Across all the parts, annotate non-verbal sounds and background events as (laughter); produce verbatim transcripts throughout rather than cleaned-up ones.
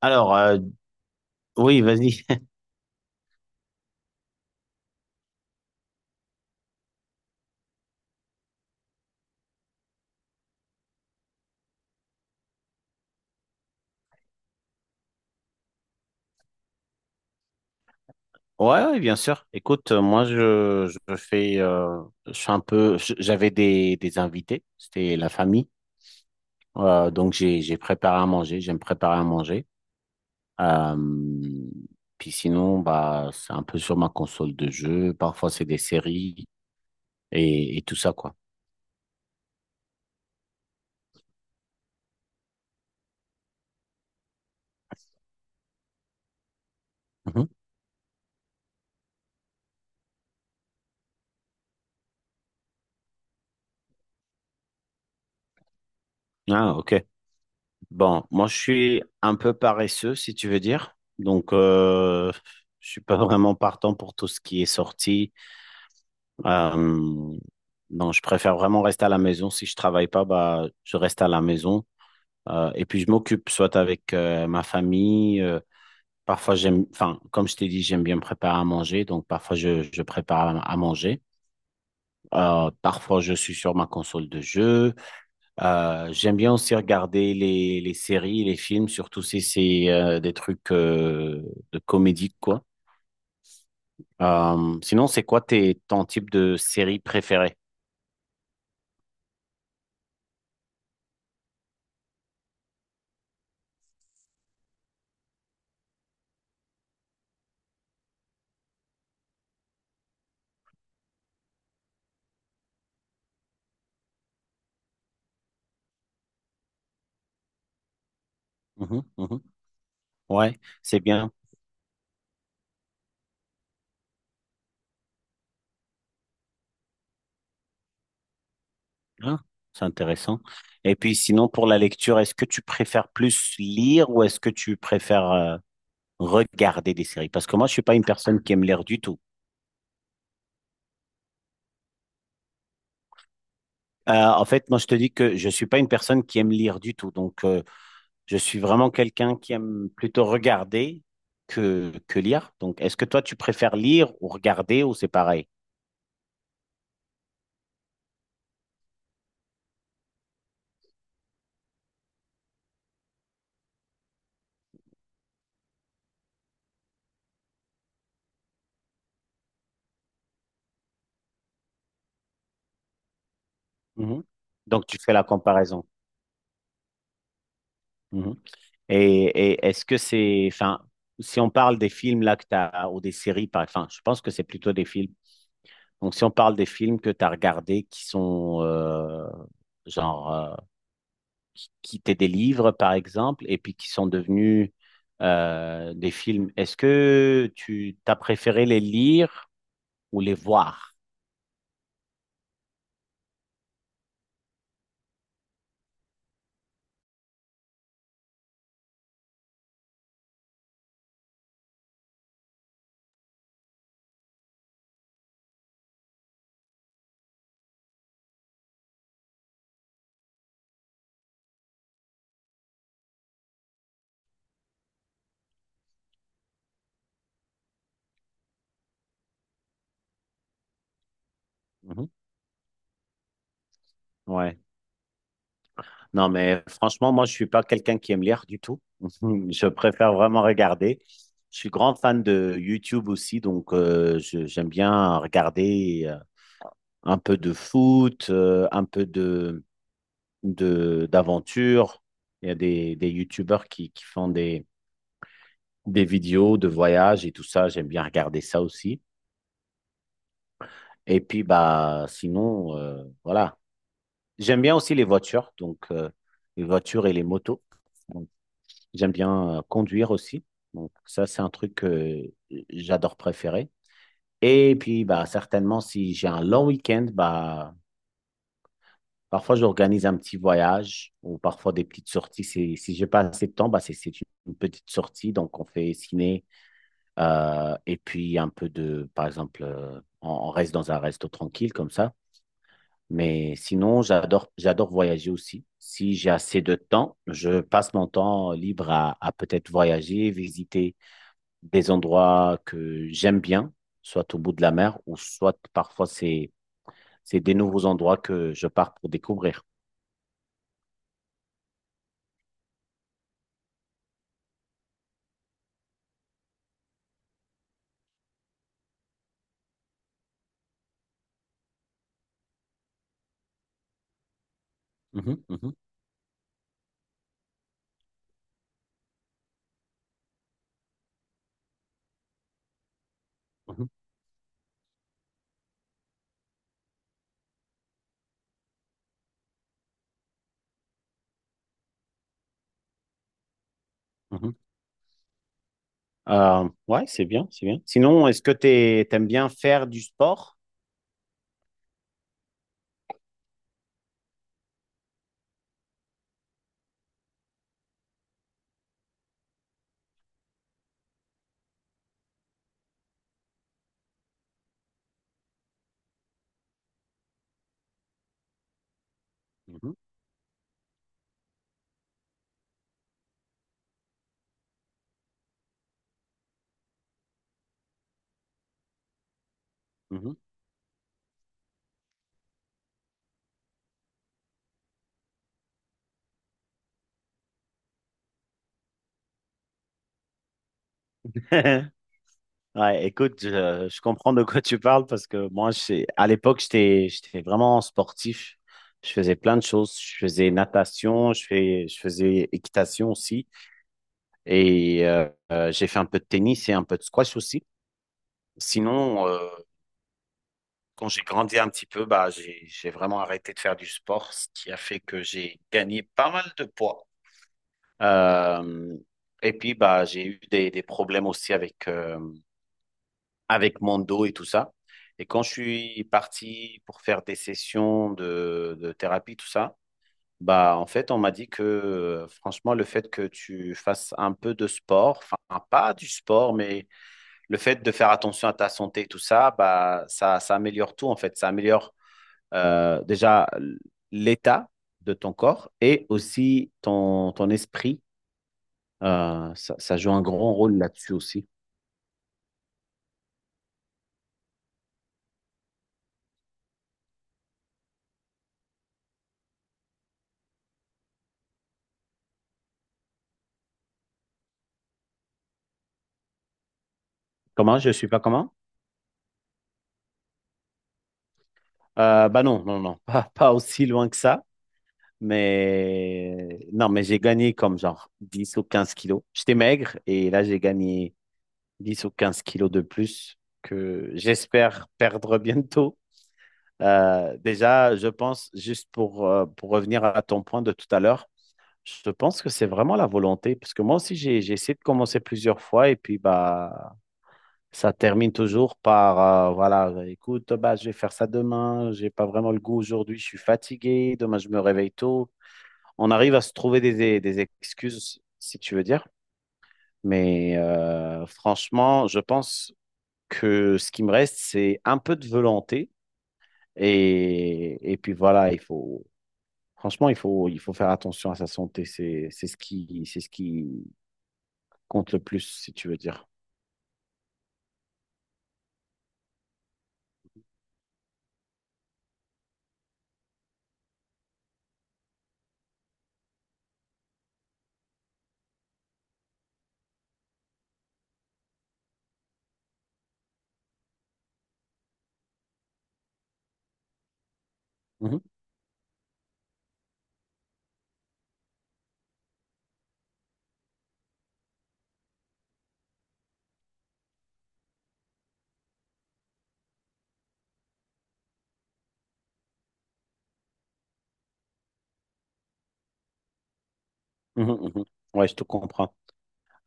Alors, euh, oui, vas-y. (laughs) Ouais, ouais, bien sûr. Écoute, euh, moi, je, je fais, euh, je suis un peu, je- j'avais des, des invités, c'était la famille. Euh, donc, j'ai, j'ai préparé à manger, j'aime préparer à manger. Euh, Puis sinon, bah, c'est un peu sur ma console de jeu. Parfois, c'est des séries et, et tout ça, quoi. Mhm. Ah, ok. Bon, moi, je suis un peu paresseux, si tu veux dire. Donc, euh, je suis pas (laughs) vraiment partant pour tout ce qui est sorti. Euh, non, je préfère vraiment rester à la maison. Si je travaille pas, bah, je reste à la maison. Euh, et puis je m'occupe soit avec euh, ma famille. euh, parfois j'aime, enfin, comme je t'ai dit, j'aime bien me préparer à manger. Donc parfois je, je prépare à à manger. Euh, parfois je suis sur ma console de jeu. Euh, j'aime bien aussi regarder les, les séries, les films, surtout si c'est euh, des trucs euh, de comédie, quoi. Euh, sinon, c'est quoi tes, ton type de série préférée? Mhm, mhm. Ouais, c'est bien. Ah, c'est intéressant. Et puis sinon, pour la lecture, est-ce que tu préfères plus lire ou est-ce que tu préfères euh, regarder des séries? Parce que moi, je suis pas une personne qui aime lire du tout. Euh, en fait, moi, je te dis que je suis pas une personne qui aime lire du tout. Donc, euh, je suis vraiment quelqu'un qui aime plutôt regarder que, que lire. Donc, est-ce que toi, tu préfères lire ou regarder ou c'est pareil? Mhm. Donc, tu fais la comparaison. Et, et est-ce que c'est, enfin, si on parle des films là que t'as, ou des séries, par, enfin, je pense que c'est plutôt des films. Donc, si on parle des films que tu as regardés qui sont, euh, genre, euh, qui étaient des livres, par exemple, et puis qui sont devenus euh, des films, est-ce que tu t'as préféré les lire ou les voir? Mhm. Ouais. Non, mais franchement, moi, je suis pas quelqu'un qui aime lire du tout. (laughs) Je préfère vraiment regarder. Je suis grand fan de YouTube aussi, donc euh, je- j'aime bien regarder euh, un peu de foot, euh, un peu de, de, d'aventure. Il y a des, des YouTubeurs qui, qui font des, des vidéos de voyage et tout ça. J'aime bien regarder ça aussi. Et puis, bah, sinon, euh, voilà. J'aime bien aussi les voitures, donc euh, les voitures et les motos. J'aime bien euh, conduire aussi. Donc ça, c'est un truc que j'adore préférer. Et puis, bah, certainement, si j'ai un long week-end, bah, parfois j'organise un petit voyage ou parfois des petites sorties. Si, si j'ai pas assez de temps, bah, c'est c'est une petite sortie. Donc, on fait ciné euh, et puis un peu de, par exemple, euh, on, on reste dans un resto tranquille comme ça. Mais sinon, j'adore, j'adore voyager aussi. Si j'ai assez de temps, je passe mon temps libre à, à peut-être voyager, visiter des endroits que j'aime bien, soit au bout de la mer ou soit parfois c'est c'est des nouveaux endroits que je pars pour découvrir. Mhm, mhm, mhm, mhm. Euh, ouais, c'est bien, c'est bien. Sinon, est-ce que tu aimes bien faire du sport? Mhm, mhm. (laughs) Ouais, écoute, je, je comprends de quoi tu parles parce que moi, je- à l'époque, j'étais, j'étais vraiment sportif. Je faisais plein de choses. Je faisais natation, je fais, je faisais équitation aussi. Et euh, euh, j'ai fait un peu de tennis et un peu de squash aussi. Sinon, euh, quand j'ai grandi un petit peu, bah, j'ai, j'ai vraiment arrêté de faire du sport, ce qui a fait que j'ai gagné pas mal de poids. Euh, et puis, bah, j'ai eu des, des problèmes aussi avec, euh, avec mon dos et tout ça. Et quand je suis parti pour faire des sessions de, de thérapie, tout ça, bah, en fait, on m'a dit que, euh, franchement, le fait que tu fasses un peu de sport, enfin, pas du sport, mais le fait de faire attention à ta santé, tout ça, bah, ça, ça améliore tout en fait. Ça améliore euh, déjà l'état de ton corps et aussi ton, ton esprit. Euh, ça, ça joue un grand rôle là-dessus aussi. Comment? Je suis pas comment? Euh, bah non, non, non, (laughs) pas, pas aussi loin que ça. Mais non, mais j'ai gagné comme genre dix ou quinze kilos. J'étais maigre et là j'ai gagné dix ou quinze kilos de plus que j'espère perdre bientôt. Euh, déjà, je pense, juste pour, euh, pour revenir à ton point de tout à l'heure, je pense que c'est vraiment la volonté, parce que moi aussi, j'ai, j'ai essayé de commencer plusieurs fois et puis bah, ça termine toujours par, euh, voilà, écoute, bah, je vais faire ça demain, j'ai pas vraiment le goût aujourd'hui, je suis fatigué, demain je me réveille tôt. On arrive à se trouver des, des des excuses, si tu veux dire. Mais euh, franchement, je pense que ce qui me reste, c'est un peu de volonté. Et, et puis voilà, il faut, franchement, il faut, il faut faire attention à sa santé. C'est, c'est ce qui, c'est ce qui compte le plus, si tu veux dire. Mhm, mhm, mhm. Ouais, je te comprends.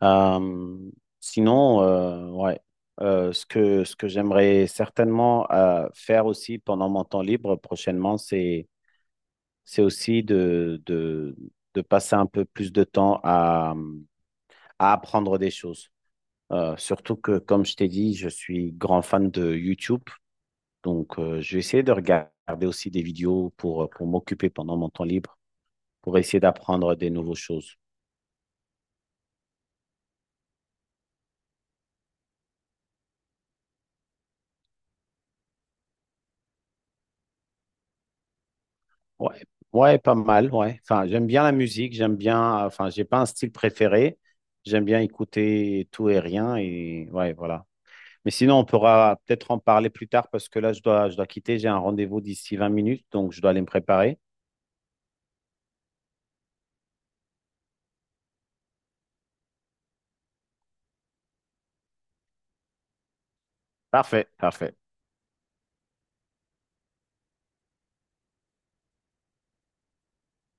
Euh, sinon, euh, ouais, euh, ce que, ce que j'aimerais certainement euh, faire aussi pendant mon temps libre prochainement, c'est c'est aussi de, de, de passer un peu plus de temps à, à apprendre des choses. Euh, surtout que, comme je t'ai dit, je suis grand fan de YouTube. Donc, euh, je vais essayer de regarder aussi des vidéos pour, pour m'occuper pendant mon temps libre, pour essayer d'apprendre des nouvelles choses. Ouais, ouais, pas mal, ouais. Enfin, j'aime bien la musique, j'aime bien, enfin, j'ai pas un style préféré. J'aime bien écouter tout et rien et ouais, voilà. Mais sinon, on pourra peut-être en parler plus tard parce que là, je dois, je dois quitter. J'ai un rendez-vous d'ici vingt minutes, donc je dois aller me préparer. Parfait, parfait.